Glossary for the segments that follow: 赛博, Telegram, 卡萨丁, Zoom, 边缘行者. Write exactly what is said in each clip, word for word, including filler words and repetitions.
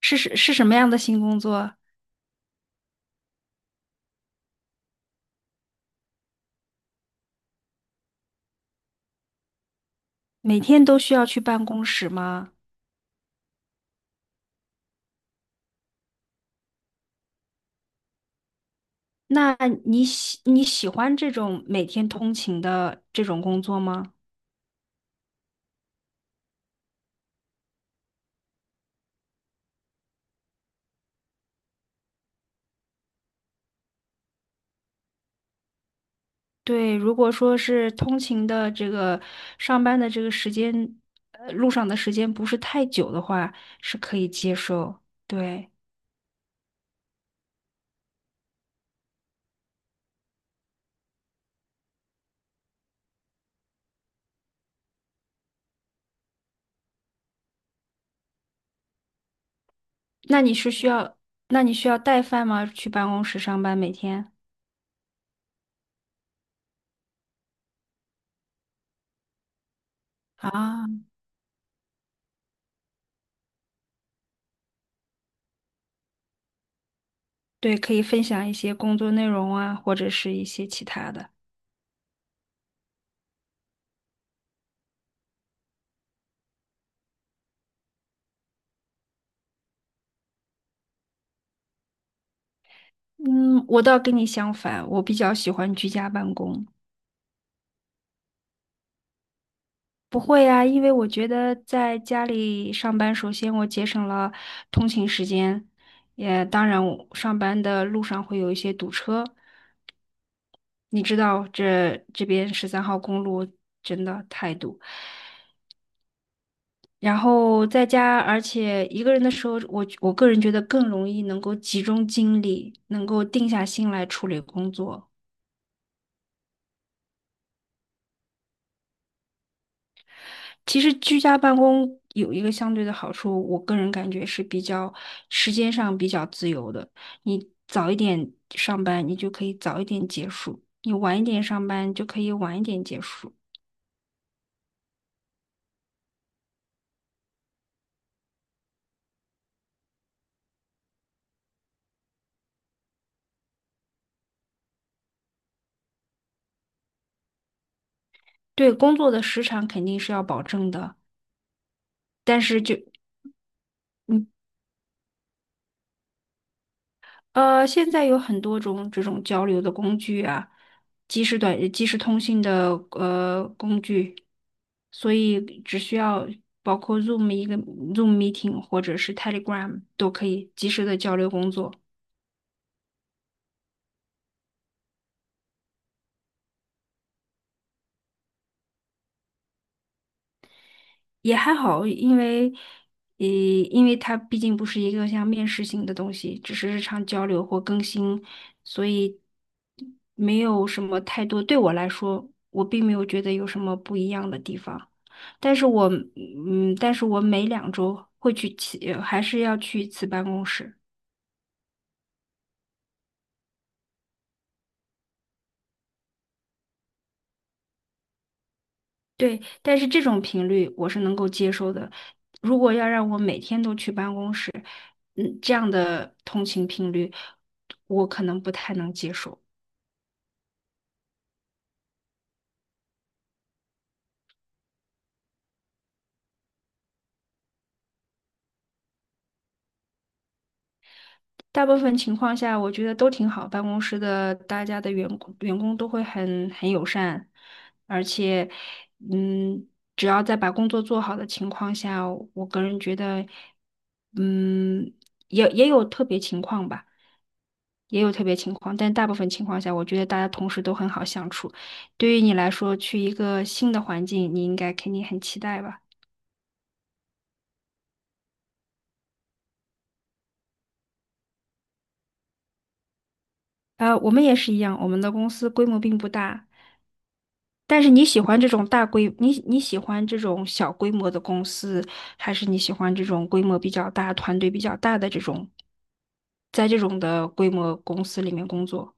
是是是，什么样的新工作？每天都需要去办公室吗？那你喜你喜欢这种每天通勤的这种工作吗？对，如果说是通勤的这个上班的这个时间，呃，路上的时间不是太久的话，是可以接受。对，那你是需要，那你需要带饭吗？去办公室上班每天？啊，对，可以分享一些工作内容啊，或者是一些其他的。嗯，我倒跟你相反，我比较喜欢居家办公。不会呀，因为我觉得在家里上班，首先我节省了通勤时间，也当然我上班的路上会有一些堵车，你知道这这边十三号公路真的太堵。然后在家，而且一个人的时候，我我个人觉得更容易能够集中精力，能够定下心来处理工作。其实居家办公有一个相对的好处，我个人感觉是比较时间上比较自由的。你早一点上班，你就可以早一点结束；你晚一点上班，就可以晚一点结束。对，工作的时长肯定是要保证的，但是就嗯。呃，现在有很多种这种交流的工具啊，即时短、即时通信的呃工具，所以只需要包括 Zoom， 一个 Zoom meeting 或者是 Telegram 都可以及时的交流工作，也还好，因为呃，因为它毕竟不是一个像面试性的东西，只是日常交流或更新，所以没有什么太多，对我来说，我并没有觉得有什么不一样的地方。但是我嗯，但是我每两周会去其，还是要去一次办公室。对，但是这种频率我是能够接受的。如果要让我每天都去办公室，嗯，这样的通勤频率，我可能不太能接受。大部分情况下，我觉得都挺好。办公室的大家的员工员工都会很很友善，而且，嗯，只要在把工作做好的情况下，我个人觉得，嗯，也也有特别情况吧，也有特别情况，但大部分情况下，我觉得大家同事都很好相处。对于你来说，去一个新的环境，你应该肯定很期待吧？呃，我们也是一样，我们的公司规模并不大，但是你喜欢这种大规，你你喜欢这种小规模的公司，还是你喜欢这种规模比较大、团队比较大的这种，在这种的规模公司里面工作？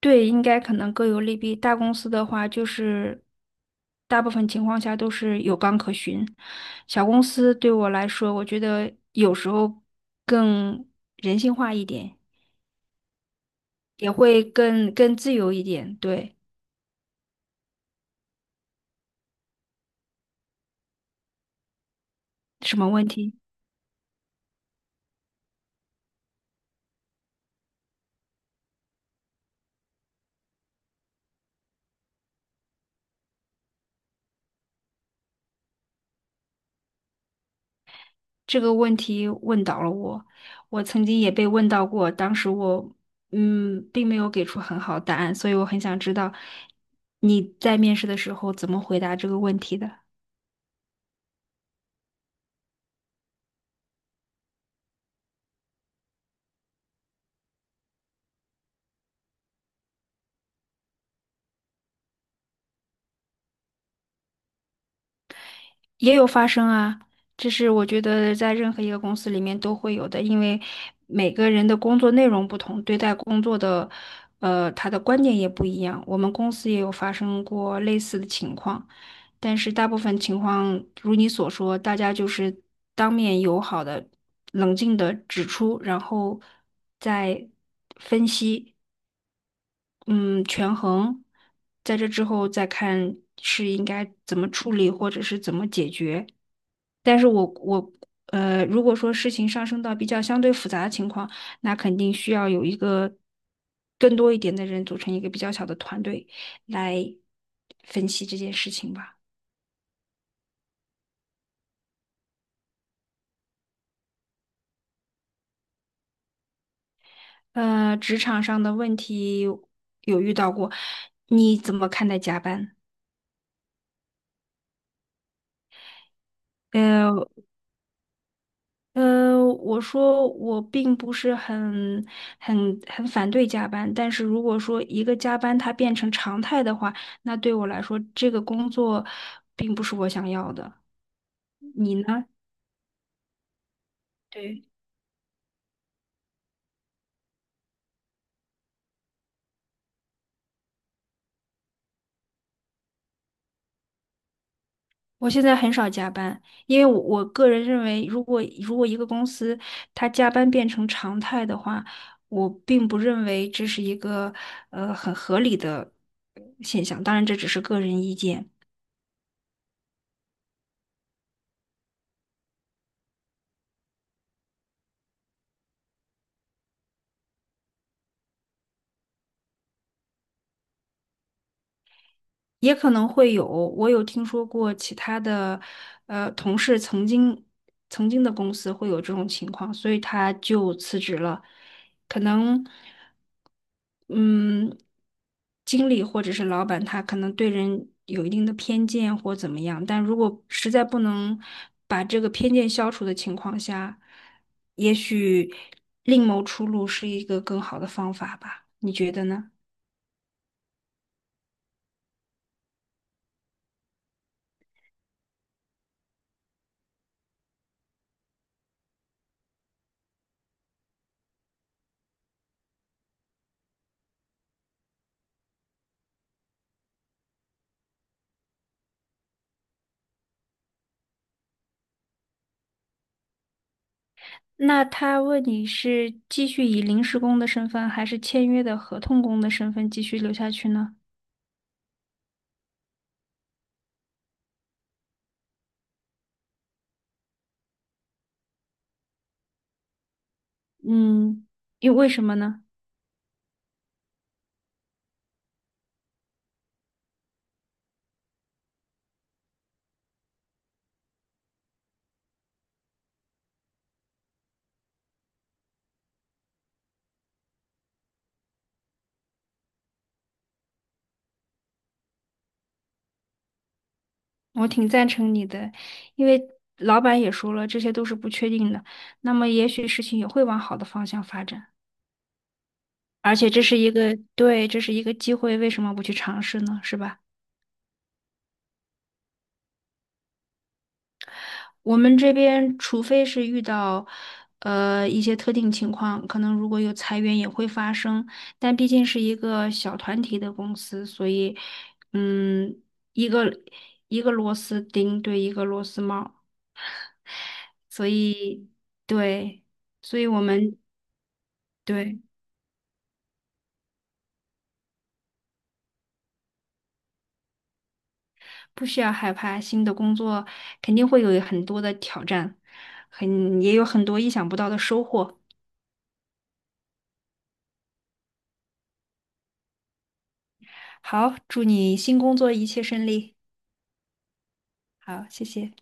对，应该可能各有利弊。大公司的话，就是大部分情况下都是有纲可循。小公司对我来说，我觉得有时候更人性化一点，也会更更自由一点。对，什么问题？这个问题问倒了我，我曾经也被问到过，当时我嗯，并没有给出很好答案，所以我很想知道你在面试的时候怎么回答这个问题的。也有发生啊，这是我觉得在任何一个公司里面都会有的，因为每个人的工作内容不同，对待工作的，呃，他的观点也不一样。我们公司也有发生过类似的情况，但是大部分情况如你所说，大家就是当面友好的、冷静的指出，然后再分析，嗯，权衡，在这之后再看是应该怎么处理或者是怎么解决。但是我我呃，如果说事情上升到比较相对复杂的情况，那肯定需要有一个更多一点的人组成一个比较小的团队来分析这件事情吧。呃，职场上的问题有遇到过，你怎么看待加班？呃，呃，我说我并不是很、很、很反对加班，但是如果说一个加班它变成常态的话，那对我来说这个工作并不是我想要的。你呢？对，我现在很少加班，因为我我个人认为，如果如果一个公司它加班变成常态的话，我并不认为这是一个呃很合理的现象。当然，这只是个人意见。也可能会有，我有听说过其他的，呃，同事曾经曾经的公司会有这种情况，所以他就辞职了。可能，嗯，经理或者是老板他可能对人有一定的偏见或怎么样，但如果实在不能把这个偏见消除的情况下，也许另谋出路是一个更好的方法吧？你觉得呢？那他问你是继续以临时工的身份，还是签约的合同工的身份继续留下去呢？嗯，因为为什么呢？我挺赞成你的，因为老板也说了，这些都是不确定的，那么也许事情也会往好的方向发展，而且这是一个，对，这是一个机会，为什么不去尝试呢？是吧？我们这边除非是遇到，呃，一些特定情况，可能如果有裁员也会发生，但毕竟是一个小团体的公司，所以，嗯，一个一个螺丝钉对一个螺丝帽，所以对，所以我们对不需要害怕新的工作，肯定会有很多的挑战，很也有很多意想不到的收获。好，祝你新工作一切顺利。好，谢谢。